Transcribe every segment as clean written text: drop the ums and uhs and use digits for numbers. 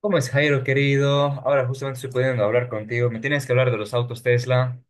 ¿Cómo es Jairo, querido? Ahora justamente estoy pudiendo hablar contigo. Me tienes que hablar de los autos Tesla.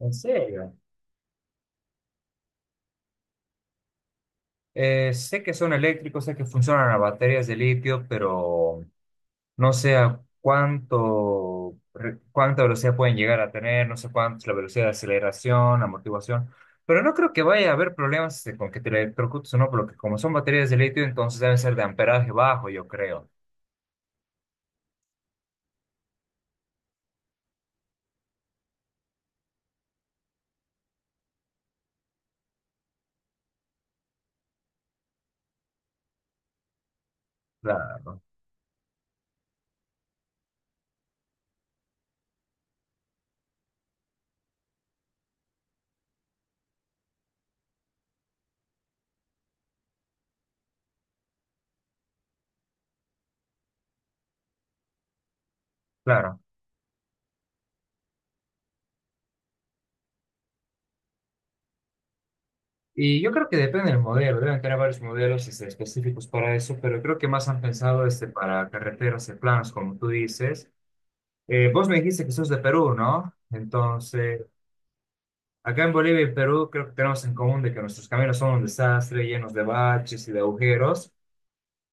¿En serio? Sé que son eléctricos, sé que funcionan a baterías de litio, pero no sé a cuánto, cuánta velocidad pueden llegar a tener, no sé cuánto es la velocidad de aceleración, amortiguación. Pero no creo que vaya a haber problemas este, con que te electrocutes o no, porque como son baterías de litio, entonces deben ser de amperaje bajo, yo creo. Claro, claro. Y yo creo que depende del modelo, deben tener varios modelos este, específicos para eso, pero creo que más han pensado este, para carreteras y planos, como tú dices. Vos me dijiste que sos de Perú, ¿no? Entonces, acá en Bolivia y Perú creo que tenemos en común de que nuestros caminos son un desastre, llenos de baches y de agujeros.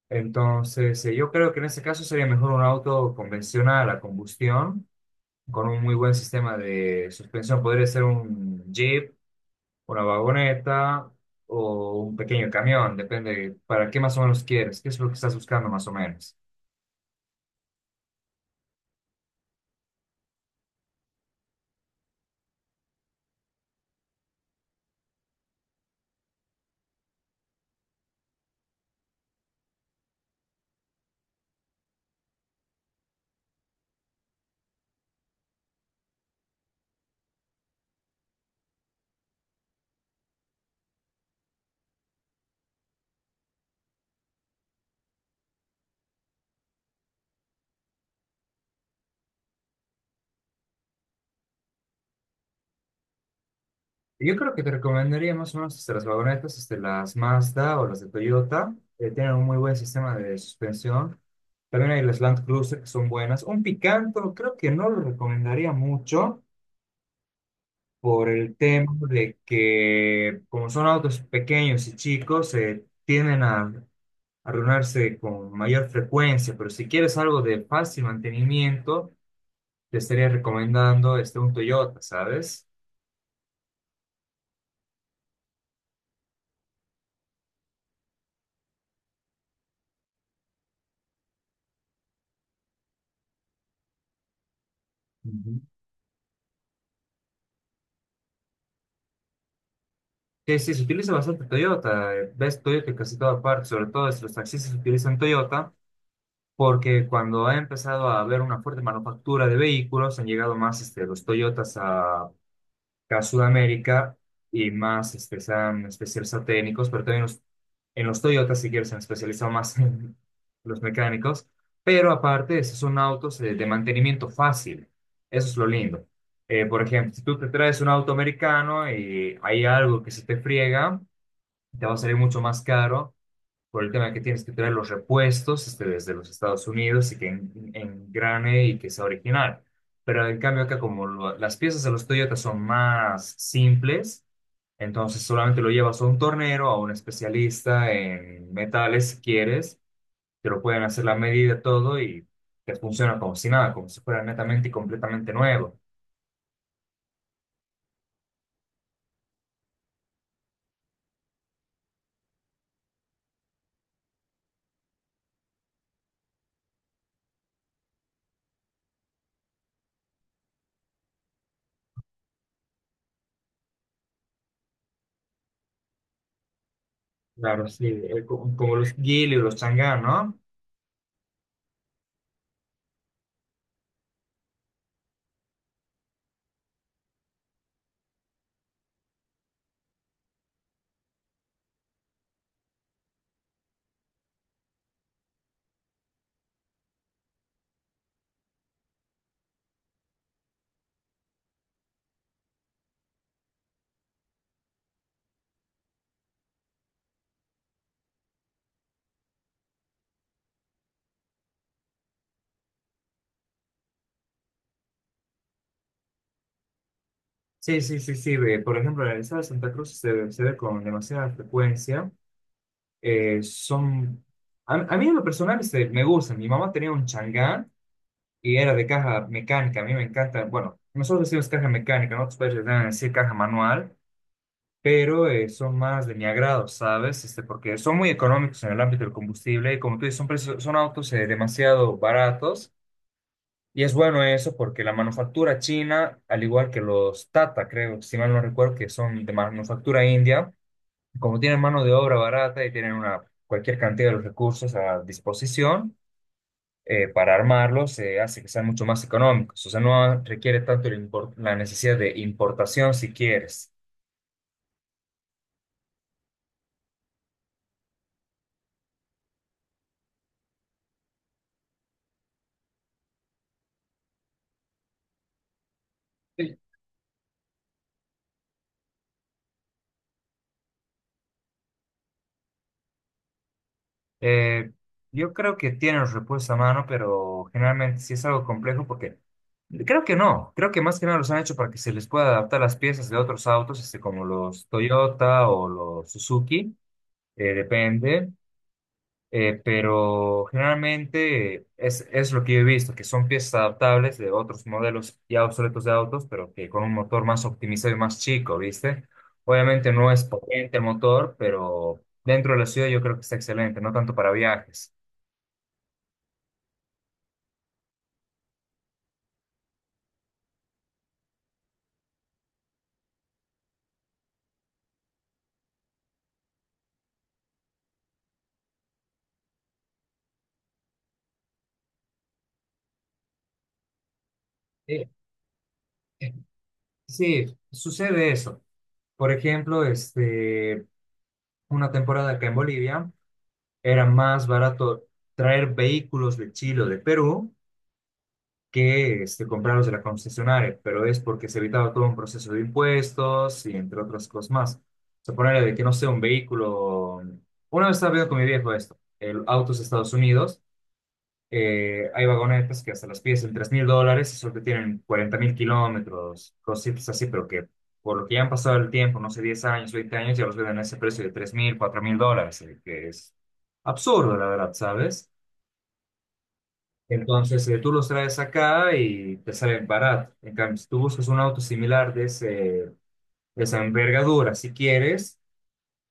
Entonces, yo creo que en este caso sería mejor un auto convencional a combustión, con un muy buen sistema de suspensión. Podría ser un Jeep una vagoneta o un pequeño camión, depende de para qué más o menos quieres, qué es lo que estás buscando más o menos. Yo creo que te recomendaría más o menos este, las vagonetas, este, las Mazda o las de Toyota, tienen un muy buen sistema de suspensión. También hay las Land Cruiser que son buenas. Un Picanto creo que no lo recomendaría mucho por el tema de que como son autos pequeños y chicos, se tienden a arruinarse con mayor frecuencia, pero si quieres algo de fácil mantenimiento, te estaría recomendando este, un Toyota, ¿sabes? Ujú. Sí, sí, se utiliza bastante Toyota. Ves Toyota en casi toda parte, sobre todo los taxistas utilizan Toyota porque cuando ha empezado a haber una fuerte manufactura de vehículos, han llegado más este, los Toyotas a acá a Sudamérica y más este, se han especializado técnicos, pero también en los Toyota, si quieres, se han especializado más en los mecánicos. Pero aparte, esos son autos de mantenimiento fácil. Eso es lo lindo. Por ejemplo, si tú te traes un auto americano y hay algo que se te friega, te va a salir mucho más caro por el tema que tienes que traer los repuestos este, desde los Estados Unidos y que engrane y que sea original. Pero en cambio acá como las piezas de los Toyota son más simples, entonces solamente lo llevas a un tornero, a un especialista en metales si quieres, te lo pueden hacer la medida todo y te funciona como si nada, como si fuera netamente y completamente nuevo. Claro, sí, como los Gili o los Chang'an, ¿no? Sí, sí, sí, sí. Ve, por ejemplo, en el estado de Santa Cruz se ve con demasiada frecuencia son... A mí en lo personal este, me gustan. Mi mamá tenía un Chang'an y era de caja mecánica. A mí me encanta. Bueno, nosotros decimos caja mecánica, ¿no? Ustedes deben decir caja manual, pero son más de mi agrado, ¿sabes? Este, porque son muy económicos en el ámbito del combustible y como tú dices, son, son autos demasiado baratos. Y es bueno eso porque la manufactura china, al igual que los Tata, creo, si mal no recuerdo, que son de manufactura india, como tienen mano de obra barata y tienen una, cualquier cantidad de los recursos a disposición, para armarlos se hace que sean mucho más económicos. O sea, no requiere tanto el la necesidad de importación si quieres. Sí. Eh, yo creo que tienen los repuestos a mano, pero generalmente sí es algo complejo porque creo que no. Creo que más que nada los han hecho para que se les pueda adaptar las piezas de otros autos, este, como los Toyota o los Suzuki, depende. Pero generalmente es lo que yo he visto, que son piezas adaptables de otros modelos ya obsoletos de autos, pero que con un motor más optimizado y más chico, ¿viste? Obviamente no es potente el motor, pero dentro de la ciudad yo creo que está excelente, no tanto para viajes. Eh, eh, sí, sucede eso. Por ejemplo, este, una temporada acá en Bolivia, era más barato traer vehículos de Chile o de Perú que este, comprarlos de la concesionaria, pero es porque se evitaba todo un proceso de impuestos y entre otras cosas más. O sea, de que no sea un vehículo. Una vez estaba viendo con mi viejo esto, el autos de Estados Unidos, hay vagonetas que hasta las pides en $3.000 y solo te tienen 40.000 kilómetros, cositas así, pero que por lo que ya han pasado el tiempo, no sé, 10 años, 20 años, ya los venden a ese precio de $3.000, $4.000, que es absurdo, la verdad, ¿sabes? Entonces, tú los traes acá y te salen barato. En cambio, si tú buscas un auto similar de, ese, de esa envergadura, si quieres,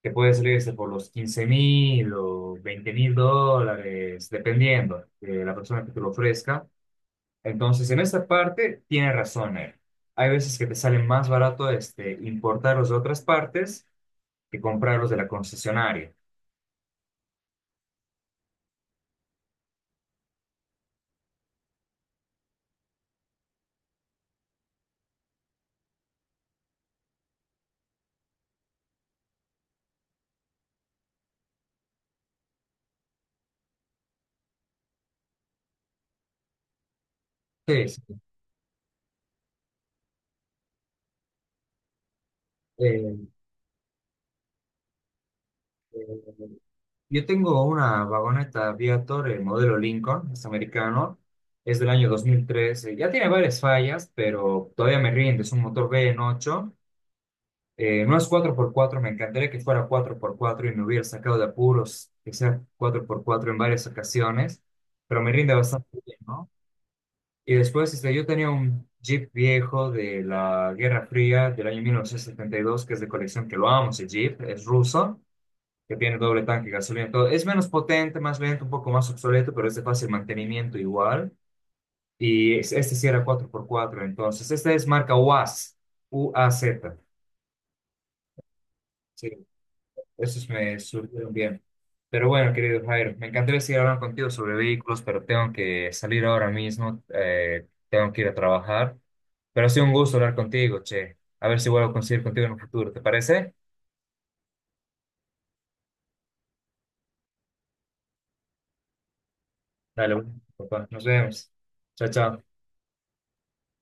te puede salir ese por los $15.000 o $20.000, dependiendo de la persona que te lo ofrezca. Entonces, en esa parte, tiene razón él. Hay veces que te sale más barato este, importarlos de otras partes que comprarlos de la concesionaria. Sí, sí. Eh, eh, yo tengo una vagoneta Viator, el modelo Lincoln, es americano, es del año 2013, ya tiene varias fallas, pero todavía me rinde, es un motor V8, no es cuatro por cuatro. Me encantaría que fuera cuatro por cuatro y me hubiera sacado de apuros que sea 4x4 en varias ocasiones, pero me rinde bastante bien, ¿no? Y después este, yo tenía un Jeep viejo de la Guerra Fría del año 1972, que es de colección, que lo amo, ese Jeep, es ruso que tiene doble tanque gasolina. Todo. Es menos potente, más lento, un poco más obsoleto, pero es de fácil mantenimiento igual. Y este sí era 4x4, entonces. Esta es marca UAZ, UAZ. Sí, esos me surgieron bien. Pero bueno, querido Jairo, me encantaría seguir hablando contigo sobre vehículos, pero tengo que salir ahora mismo, tengo que ir a trabajar. Pero ha sido un gusto hablar contigo, che. A ver si vuelvo a conseguir contigo en un futuro, ¿te parece? Dale, bueno, papá, nos vemos. Chao, chao.